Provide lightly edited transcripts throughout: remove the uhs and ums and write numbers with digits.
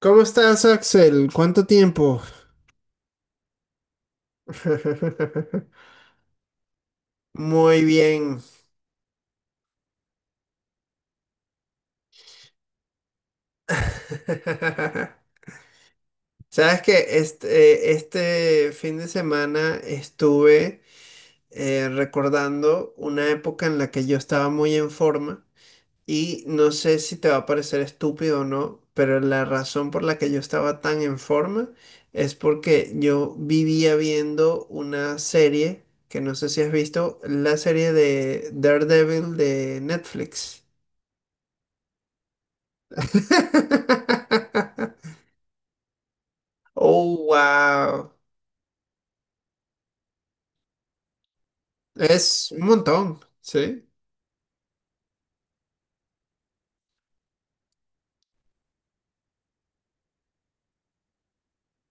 ¿Cómo estás, Axel? ¿Cuánto tiempo? Muy bien. Sabes que este fin de semana estuve recordando una época en la que yo estaba muy en forma. Y no sé si te va a parecer estúpido o no, pero la razón por la que yo estaba tan en forma es porque yo vivía viendo una serie que no sé si has visto, la serie de Daredevil de Netflix. Oh, wow. Es un montón, ¿sí?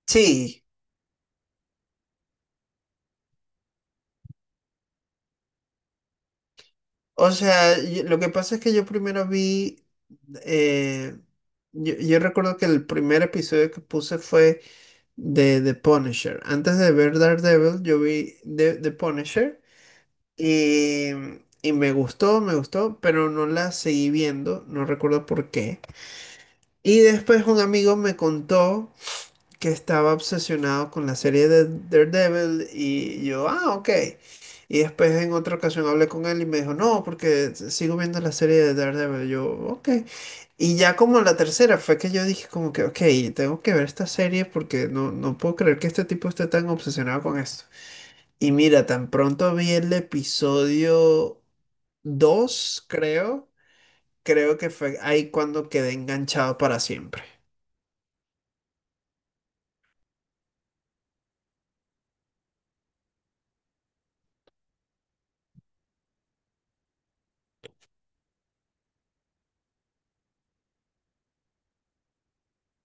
Sí. O sea, lo que pasa es que yo primero vi, eh, yo recuerdo que el primer episodio que puse fue de The Punisher. Antes de ver Daredevil, yo vi The Punisher y, y me gustó, pero no la seguí viendo, no recuerdo por qué. Y después un amigo me contó que estaba obsesionado con la serie de Daredevil y yo, ah, ok. Y después en otra ocasión hablé con él y me dijo, no, porque sigo viendo la serie de Daredevil. Yo, ok. Y ya como la tercera fue que yo dije como que, ok, tengo que ver esta serie porque no, no puedo creer que este tipo esté tan obsesionado con esto. Y mira, tan pronto vi el episodio dos, creo, que fue ahí cuando quedé enganchado para siempre.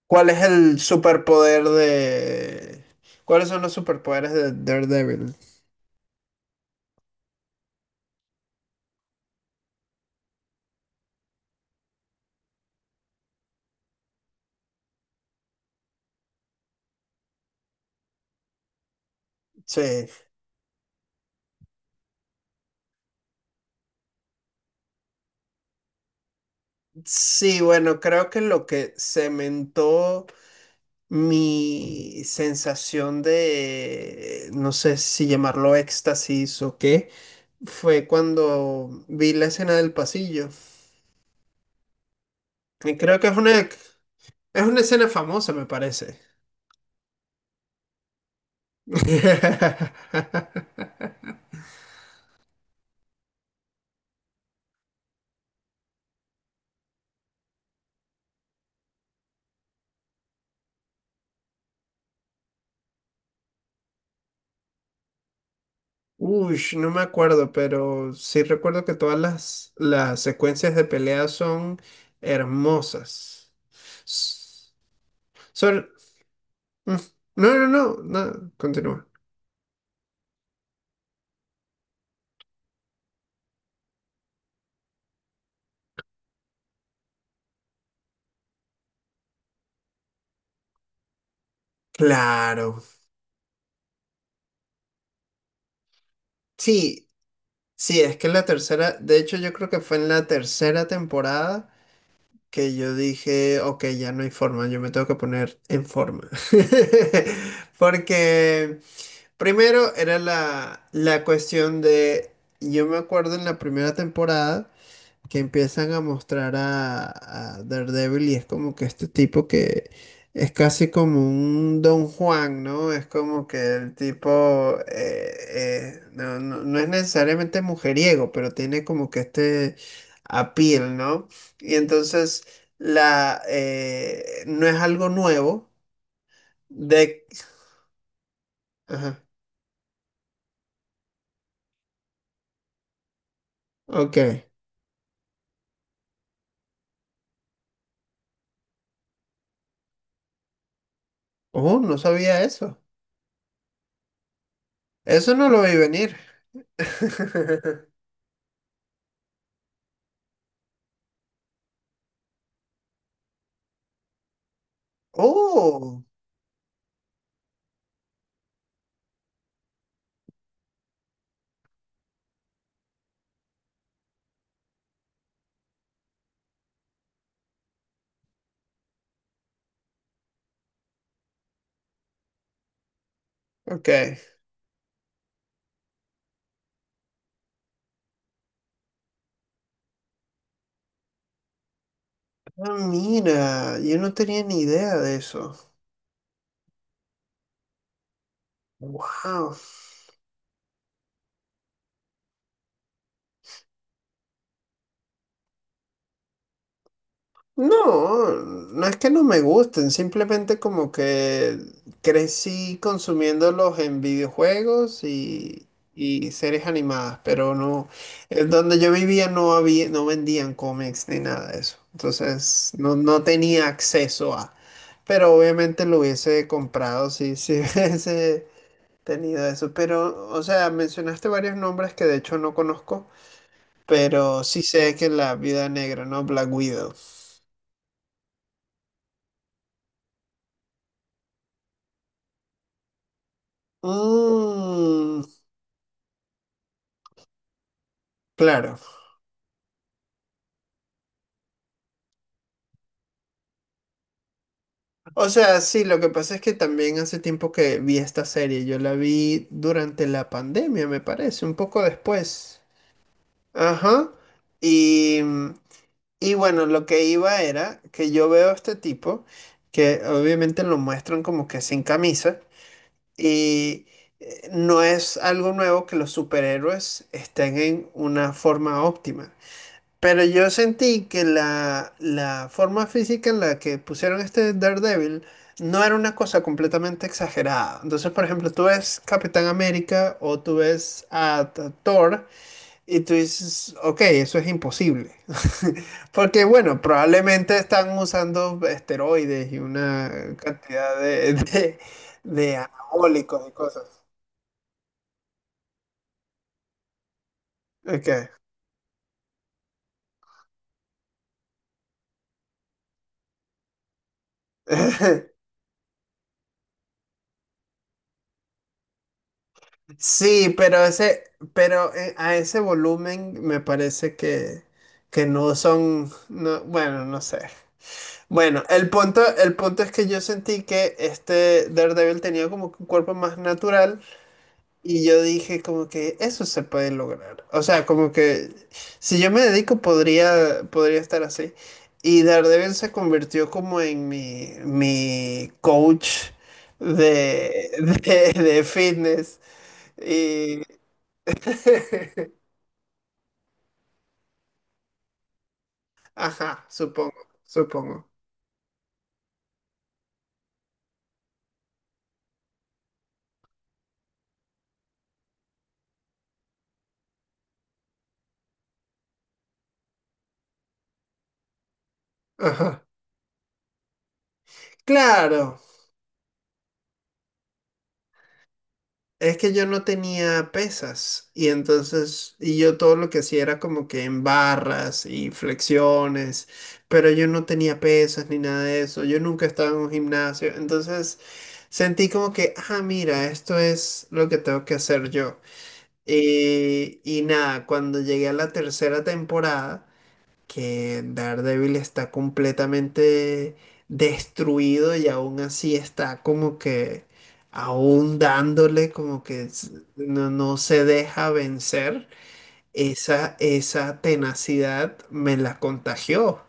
¿Cuál es el superpoder de... ¿Cuáles son los superpoderes de Daredevil? Sí. Sí, bueno, creo que lo que cementó mi sensación de, no sé si llamarlo éxtasis o qué, fue cuando vi la escena del pasillo. Y creo que es una escena famosa, me parece. Uy, no me acuerdo, pero sí recuerdo que todas las secuencias de pelea son hermosas. S- Son... mm, no, no, no, no, continúa. Claro. Sí, sí, es que en la tercera, de hecho yo creo que fue en la tercera temporada que yo dije, ok, ya no hay forma, yo me tengo que poner en forma. Porque primero era la cuestión de, yo me acuerdo en la primera temporada, que empiezan a mostrar a Daredevil y es como que este tipo que es casi como un Don Juan, ¿no? Es como que el tipo no es necesariamente mujeriego, pero tiene como que este appeal, ¿no? Y entonces la no es algo nuevo de... Ajá, ok. Oh, no sabía eso. Eso no lo vi venir. Oh, ok. Ah, mira, yo no tenía ni idea de eso. Wow. No, no es que no me gusten, simplemente como que crecí consumiéndolos en videojuegos y series animadas, pero no, en donde yo vivía no había, no vendían cómics ni nada de eso. Entonces no, no tenía acceso a. Pero obviamente lo hubiese comprado si, si hubiese tenido eso. Pero, o sea, mencionaste varios nombres que de hecho no conozco. Pero sí sé que la vida Negra, ¿no? Black Widow. Mm, claro. O sea, sí, lo que pasa es que también hace tiempo que vi esta serie. Yo la vi durante la pandemia, me parece, un poco después. Ajá. Y, y bueno, lo que iba era que yo veo a este tipo, que obviamente lo muestran como que sin camisa, y no es algo nuevo que los superhéroes estén en una forma óptima. Pero yo sentí que la forma física en la que pusieron este Daredevil no era una cosa completamente exagerada. Entonces, por ejemplo, tú ves Capitán América o tú ves a Thor y tú dices, ok, eso es imposible. Porque, bueno, probablemente están usando esteroides y una cantidad de, de anabólicos y cosas. Ok. Sí, pero a ese volumen me parece que no son, bueno, no sé. Bueno, el punto es que yo sentí que este Daredevil tenía como que un cuerpo más natural y yo dije como que eso se puede lograr. O sea, como que si yo me dedico podría, podría estar así. Y Daredevil se convirtió como en mi coach de, de fitness. Y, ajá, supongo, supongo. Ajá. Claro, es que yo no tenía pesas y entonces, y yo todo lo que hacía era como que en barras y flexiones, pero yo no tenía pesas ni nada de eso, yo nunca estaba en un gimnasio, entonces sentí como que, ah, mira, esto es lo que tengo que hacer yo. Y nada, cuando llegué a la tercera temporada, que Daredevil está completamente destruido y aún así está como que aún dándole como que no se deja vencer. Esa tenacidad me la contagió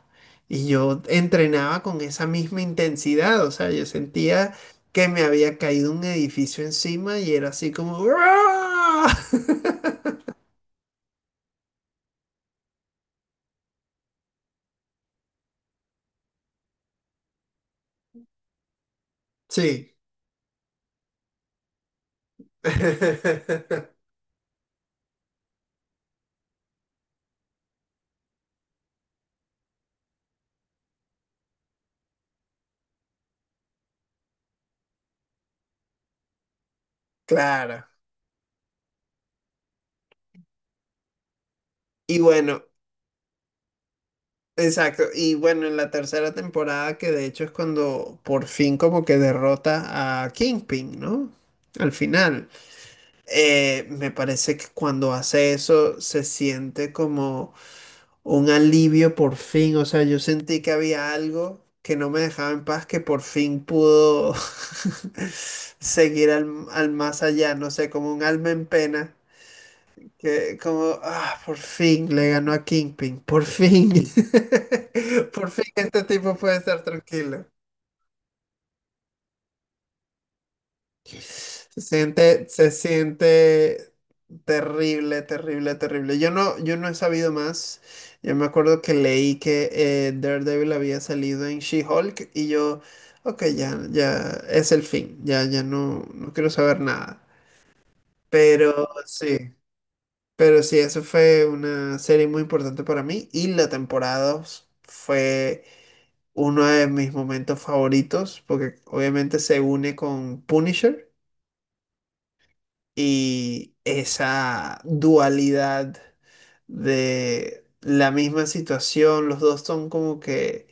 y yo entrenaba con esa misma intensidad, o sea, yo sentía que me había caído un edificio encima y era así como... "¡Ah!". Sí. Claro. Y bueno, exacto, y bueno, en la tercera temporada, que de hecho es cuando por fin como que derrota a Kingpin, ¿no? Al final, me parece que cuando hace eso se siente como un alivio por fin, o sea, yo sentí que había algo que no me dejaba en paz, que por fin pudo seguir al, al más allá, no sé, como un alma en pena que como, ah, por fin le ganó a Kingpin, por fin. Por fin este tipo puede estar tranquilo. Se siente terrible, terrible, terrible. Yo no he sabido más. Yo me acuerdo que leí que Daredevil había salido en She-Hulk y yo, ok, ya, ya es el fin, ya, ya no quiero saber nada. Pero sí. Pero sí, eso fue una serie muy importante para mí y la temporada dos fue uno de mis momentos favoritos porque obviamente se une con Punisher y esa dualidad de la misma situación, los dos son como que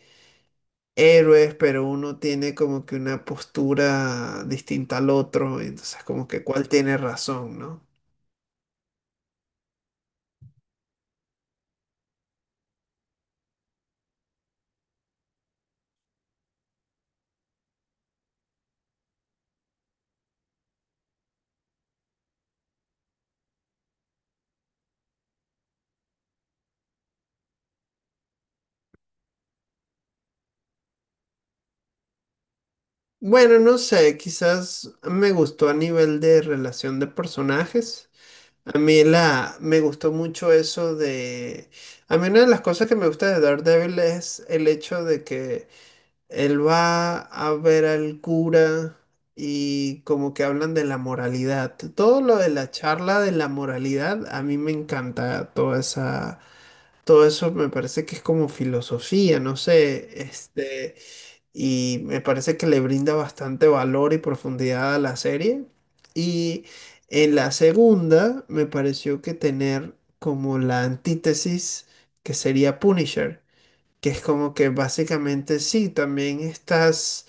héroes, pero uno tiene como que una postura distinta al otro, y entonces como que cuál tiene razón, ¿no? Bueno, no sé, quizás me gustó a nivel de relación de personajes. A mí la, me gustó mucho eso de... A mí una de las cosas que me gusta de Daredevil es el hecho de que él va a ver al cura y como que hablan de la moralidad. Todo lo de la charla de la moralidad, a mí me encanta toda esa... Todo eso me parece que es como filosofía, no sé, este, y me parece que le brinda bastante valor y profundidad a la serie. Y en la segunda me pareció que tener como la antítesis que sería Punisher, que es como que básicamente sí, también estás,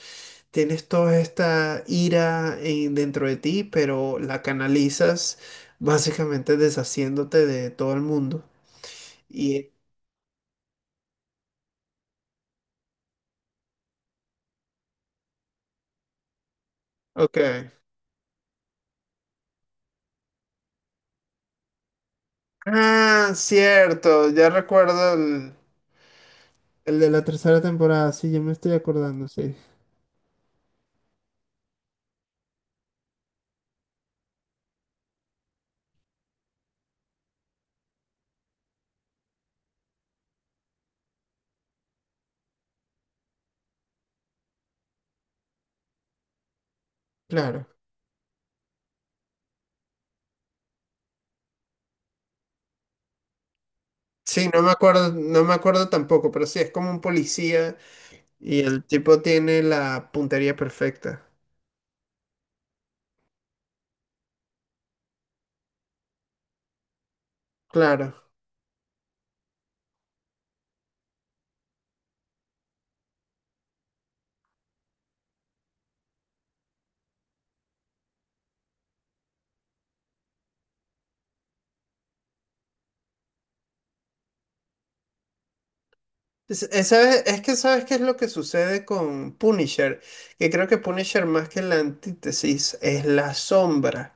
tienes toda esta ira en- dentro de ti, pero la canalizas básicamente deshaciéndote de todo el mundo. Y, ok. Ah, cierto, ya recuerdo el de la tercera temporada, sí, yo me estoy acordando, sí. Claro. Sí, no me acuerdo, no me acuerdo tampoco, pero sí, es como un policía y el tipo tiene la puntería perfecta. Claro. Es, ¿sabes? Es que sabes qué es lo que sucede con Punisher, que creo que Punisher más que la antítesis es la sombra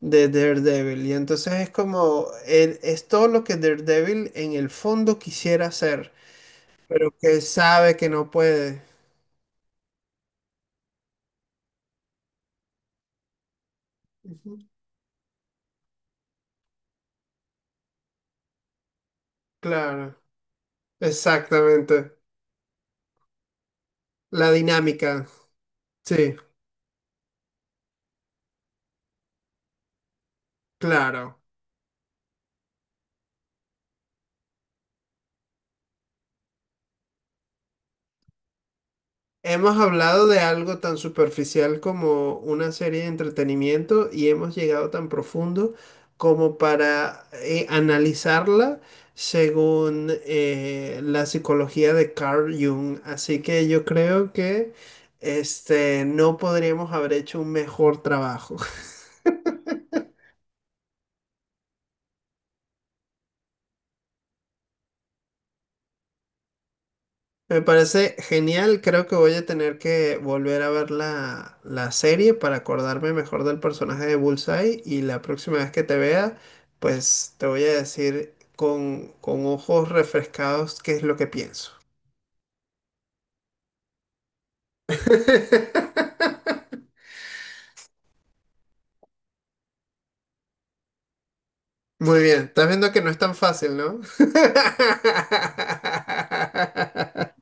de Daredevil. Y entonces es como, es todo lo que Daredevil en el fondo quisiera hacer, pero que sabe que no puede. Ujú. Claro. Exactamente. La dinámica. Sí, claro. Hemos hablado de algo tan superficial como una serie de entretenimiento y hemos llegado tan profundo como para analizarla según la psicología de Carl Jung. Así que yo creo que este, no podríamos haber hecho un mejor trabajo. Me parece genial, creo que voy a tener que volver a ver la serie para acordarme mejor del personaje de Bullseye y la próxima vez que te vea, pues te voy a decir con, ojos refrescados qué es lo que pienso. Muy bien, estás viendo que no es tan fácil, ¿no?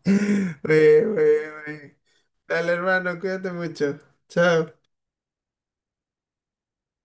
Muy bien, muy bien, muy bien. Dale, hermano, cuídate mucho. Chao.